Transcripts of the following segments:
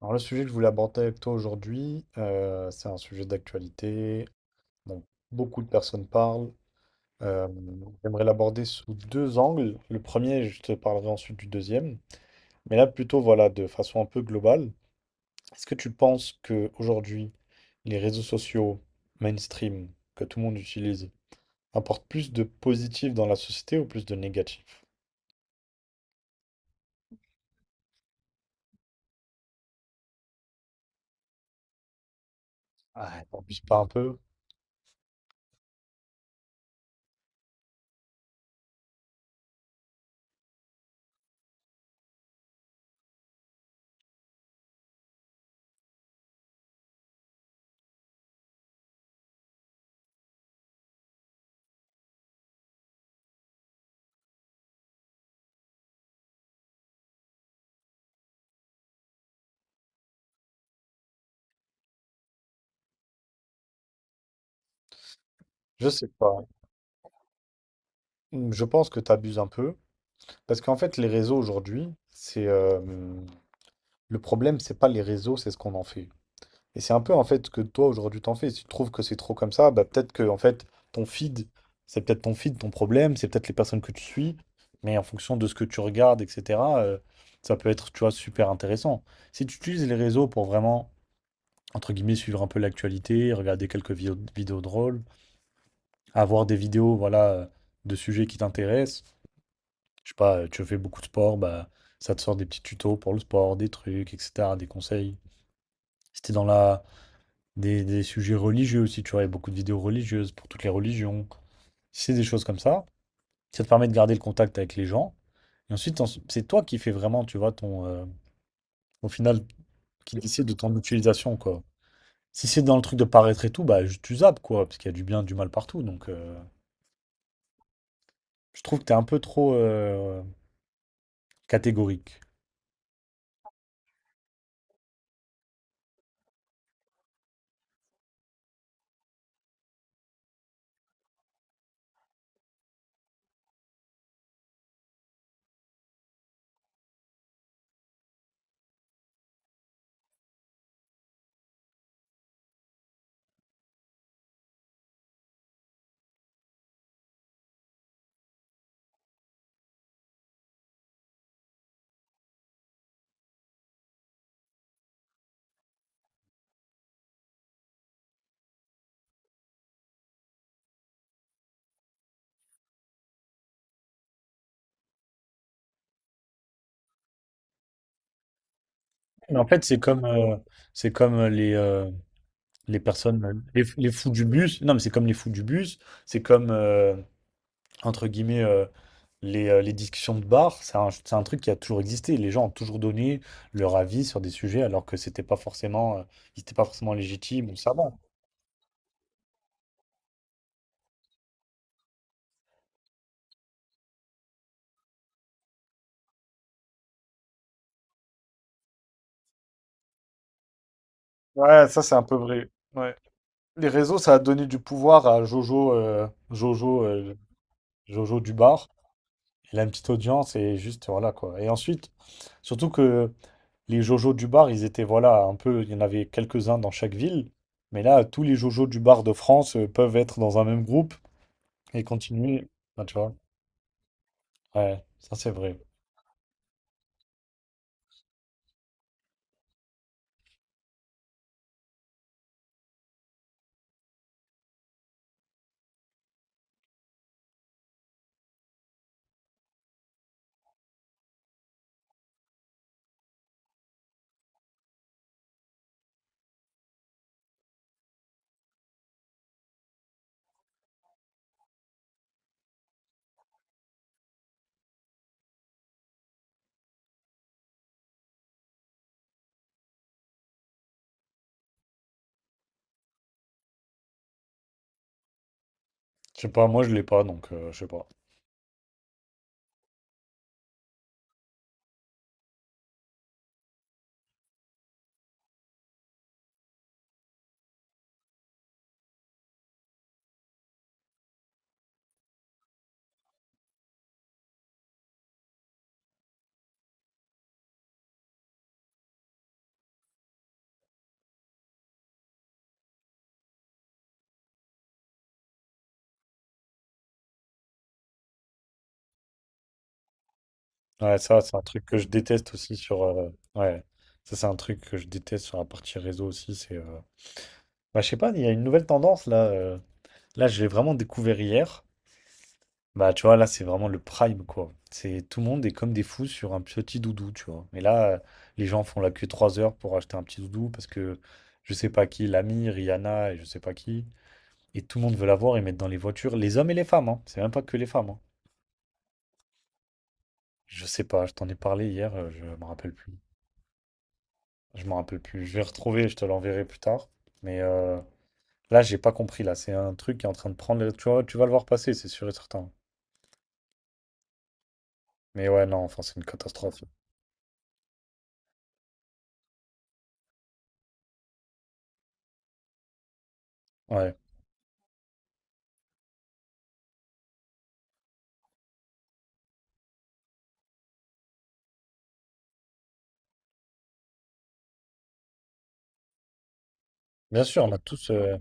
Alors le sujet que je voulais aborder avec toi aujourd'hui, c'est un sujet d'actualité dont beaucoup de personnes parlent. Euh, J'aimerais l'aborder sous deux angles. Le premier, je te parlerai ensuite du deuxième. Mais là, plutôt, voilà, de façon un peu globale. Est-ce que tu penses que aujourd'hui, les réseaux sociaux mainstream que tout le monde utilise apportent plus de positif dans la société ou plus de négatif? Ah, t'abuses pas un peu? Je sais pas. Je pense que t'abuses un peu. Parce qu'en fait, les réseaux aujourd'hui, c'est le problème, c'est pas les réseaux, c'est ce qu'on en fait. Et c'est un peu en fait ce que toi aujourd'hui t'en fais. Si tu trouves que c'est trop comme ça, bah peut-être que en fait ton feed, c'est peut-être ton feed, ton problème, c'est peut-être les personnes que tu suis, mais en fonction de ce que tu regardes, etc., ça peut être, tu vois, super intéressant. Si tu utilises les réseaux pour vraiment, entre guillemets, suivre un peu l'actualité, regarder quelques vidéos drôles, avoir des vidéos, voilà, de sujets qui t'intéressent, je sais pas, tu fais beaucoup de sport, bah ça te sort des petits tutos pour le sport, des trucs, etc., des conseils. Si t'es dans la Des sujets religieux aussi, tu vois, il y a beaucoup de vidéos religieuses pour toutes les religions. C'est des choses comme ça. Ça te permet de garder le contact avec les gens. Et ensuite, c'est toi qui fais vraiment, tu vois, au final, qui décide de ton utilisation, quoi. Si c'est dans le truc de paraître et tout, bah, tu zappes, quoi, parce qu'il y a du bien, du mal partout. Donc, je trouve que t'es un peu trop catégorique. Mais en fait, c'est comme les personnes, les fous du bus. Non, mais c'est comme les fous du bus. C'est comme, euh, Entre guillemets, les discussions de bar, c'est un truc qui a toujours existé. Les gens ont toujours donné leur avis sur des sujets alors que c'était pas forcément, ils étaient pas forcément légitimes ou savants. Ouais, ça c'est un peu vrai. Ouais. Les réseaux, ça a donné du pouvoir à Jojo du bar. Il a une petite audience et juste voilà quoi. Et ensuite, surtout que les Jojo du bar, ils étaient voilà un peu, il y en avait quelques-uns dans chaque ville, mais là, tous les Jojo du bar de France peuvent être dans un même groupe et continuer. Enfin, tu vois. Ouais, ça c'est vrai. Je sais pas, moi je l'ai pas, donc je sais pas. Ouais, ça, c'est un truc que je déteste aussi sur. Ouais, ça, c'est un truc que je déteste sur la partie réseau aussi. C'est. Bah, je sais pas, il y a une nouvelle tendance là. Là, je l'ai vraiment découvert hier. Bah, tu vois, là, c'est vraiment le prime, quoi. C'est tout le monde est comme des fous sur un petit doudou, tu vois. Mais là, les gens font la queue 3 heures pour acheter un petit doudou parce que je sais pas qui, l'ami, Rihanna et je sais pas qui. Et tout le monde veut l'avoir et mettre dans les voitures, les hommes et les femmes, hein. C'est même pas que les femmes, hein. Je sais pas, je t'en ai parlé hier, je me rappelle plus. Je m'en rappelle plus. Je vais retrouver, je te l'enverrai plus tard. Mais là, j'ai pas compris. Là, c'est un truc qui est en train de prendre. Tu vois, tu vas le voir passer, c'est sûr et certain. Mais ouais, non, enfin, c'est une catastrophe. Ouais. Bien sûr, on a tous,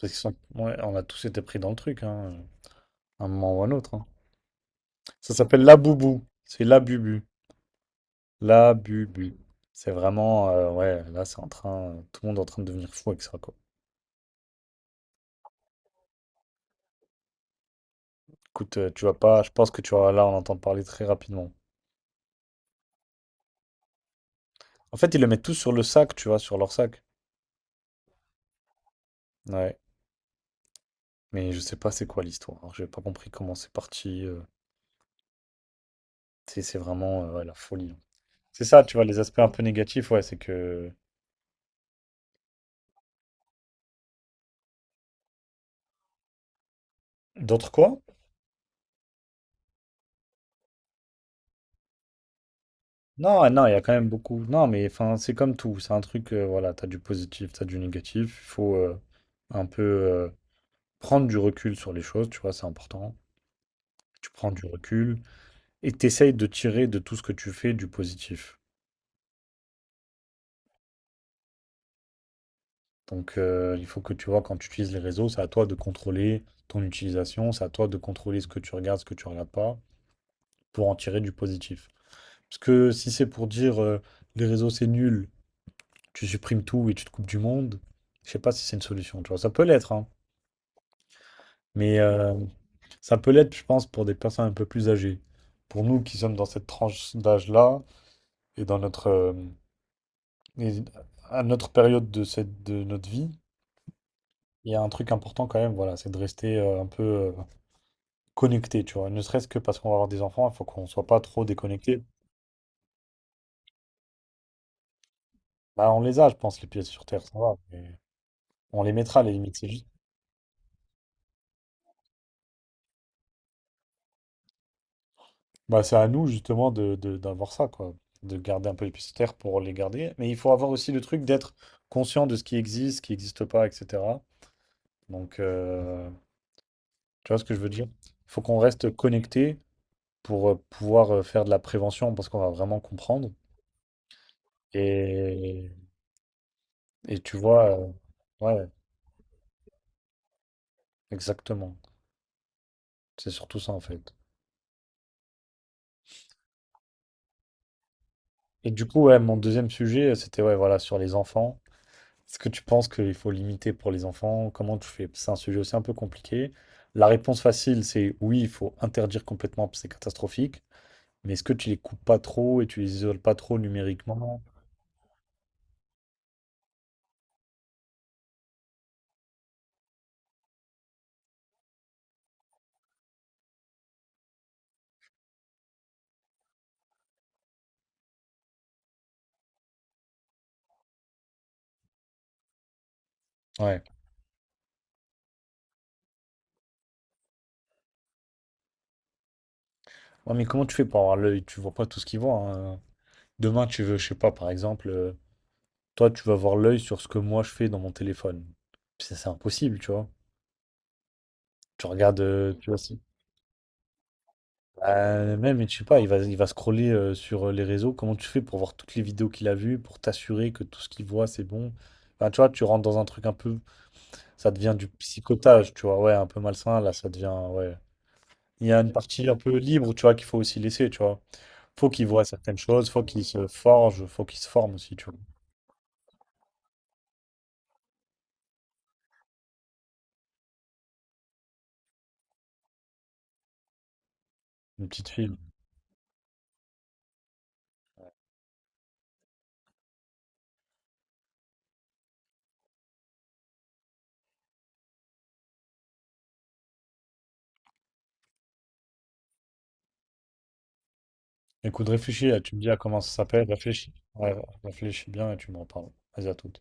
parce qu'ils sont- ouais, on a tous été pris dans le truc, hein, à un moment ou à un autre, hein. Ça s'appelle la boubou. C'est la bubu. La bubu. C'est vraiment, ouais, là, tout le monde est en train de devenir fou avec ça, quoi. Écoute, tu vas pas, je pense que tu vas là, on entend parler très rapidement. En fait, ils le mettent tous sur le sac, tu vois, sur leur sac. Ouais. Mais je sais pas c'est quoi l'histoire, hein. J'ai pas compris comment c'est parti, c'est vraiment, ouais, la folie, hein. C'est ça, tu vois, les aspects un peu négatifs, ouais, c'est que d'autres quoi? Non, ah non, il y a quand même beaucoup non, mais enfin, c'est comme tout, c'est un truc, voilà, t'as du positif, t'as du négatif. Il faut, un peu, prendre du recul sur les choses, tu vois, c'est important. Tu prends du recul et tu de tirer de tout ce que tu fais du positif. Donc il faut que tu vois, quand tu utilises les réseaux, c'est à toi de contrôler ton utilisation, c'est à toi de contrôler ce que tu regardes, ce que tu regardes pas, pour en tirer du positif. Parce que si c'est pour dire les réseaux c'est nul, tu supprimes tout et tu te coupes du monde, je sais pas si c'est une solution, tu vois. Ça peut l'être, hein. Mais ça peut l'être, je pense, pour des personnes un peu plus âgées. Pour nous qui sommes dans cette tranche d'âge-là et dans notre, et à notre période de, cette, de notre vie, il y a un truc important quand même, voilà, c'est de rester un peu connecté, tu vois. Ne serait-ce que parce qu'on va avoir des enfants, il faut qu'on soit pas trop déconnecté. Bah, on les a, je pense, les pieds sur terre, ça va, On les mettra à la limite. C'est juste... Bah, c'est à nous justement d'avoir ça, quoi. De garder un peu les pieds sur terre pour les garder. Mais il faut avoir aussi le truc d'être conscient de ce qui existe, ce qui n'existe pas, etc. Donc, tu vois ce que je veux dire? Il faut qu'on reste connecté pour pouvoir faire de la prévention parce qu'on va vraiment comprendre. Et, et, tu vois, ouais, exactement. C'est surtout ça en fait. Et du coup, ouais, mon deuxième sujet, c'était ouais, voilà, sur les enfants. Est-ce que tu penses qu'il faut limiter pour les enfants? Comment tu fais? C'est un sujet aussi un peu compliqué. La réponse facile, c'est oui, il faut interdire complètement parce que c'est catastrophique. Mais est-ce que tu les coupes pas trop et tu les isoles pas trop numériquement? Ouais. Ouais, mais comment tu fais pour avoir l'œil? Tu vois pas tout ce qu'ils voient, hein. Demain, tu veux, je sais pas, par exemple, toi, tu vas avoir l'œil sur ce que moi je fais dans mon téléphone. C'est impossible, tu vois. Tu regardes, tu vois, Même, mais je sais pas, il va scroller sur les réseaux. Comment tu fais pour voir toutes les vidéos qu'il a vues, pour t'assurer que tout ce qu'il voit, c'est bon? Enfin, tu vois, tu rentres dans un truc un peu, ça devient du psychotage, tu vois, ouais, un peu malsain, là, ça devient, ouais. Il y a une partie un peu libre, tu vois, qu'il faut aussi laisser, tu vois. Faut qu'il voit certaines choses, faut qu'il se forge, faut qu'il se forme aussi, tu vois. Une petite fille. Écoute, réfléchis, là, tu me dis à comment ça s'appelle, réfléchis. Ouais, réfléchis bien et tu me reparles. Vas-y, à tout.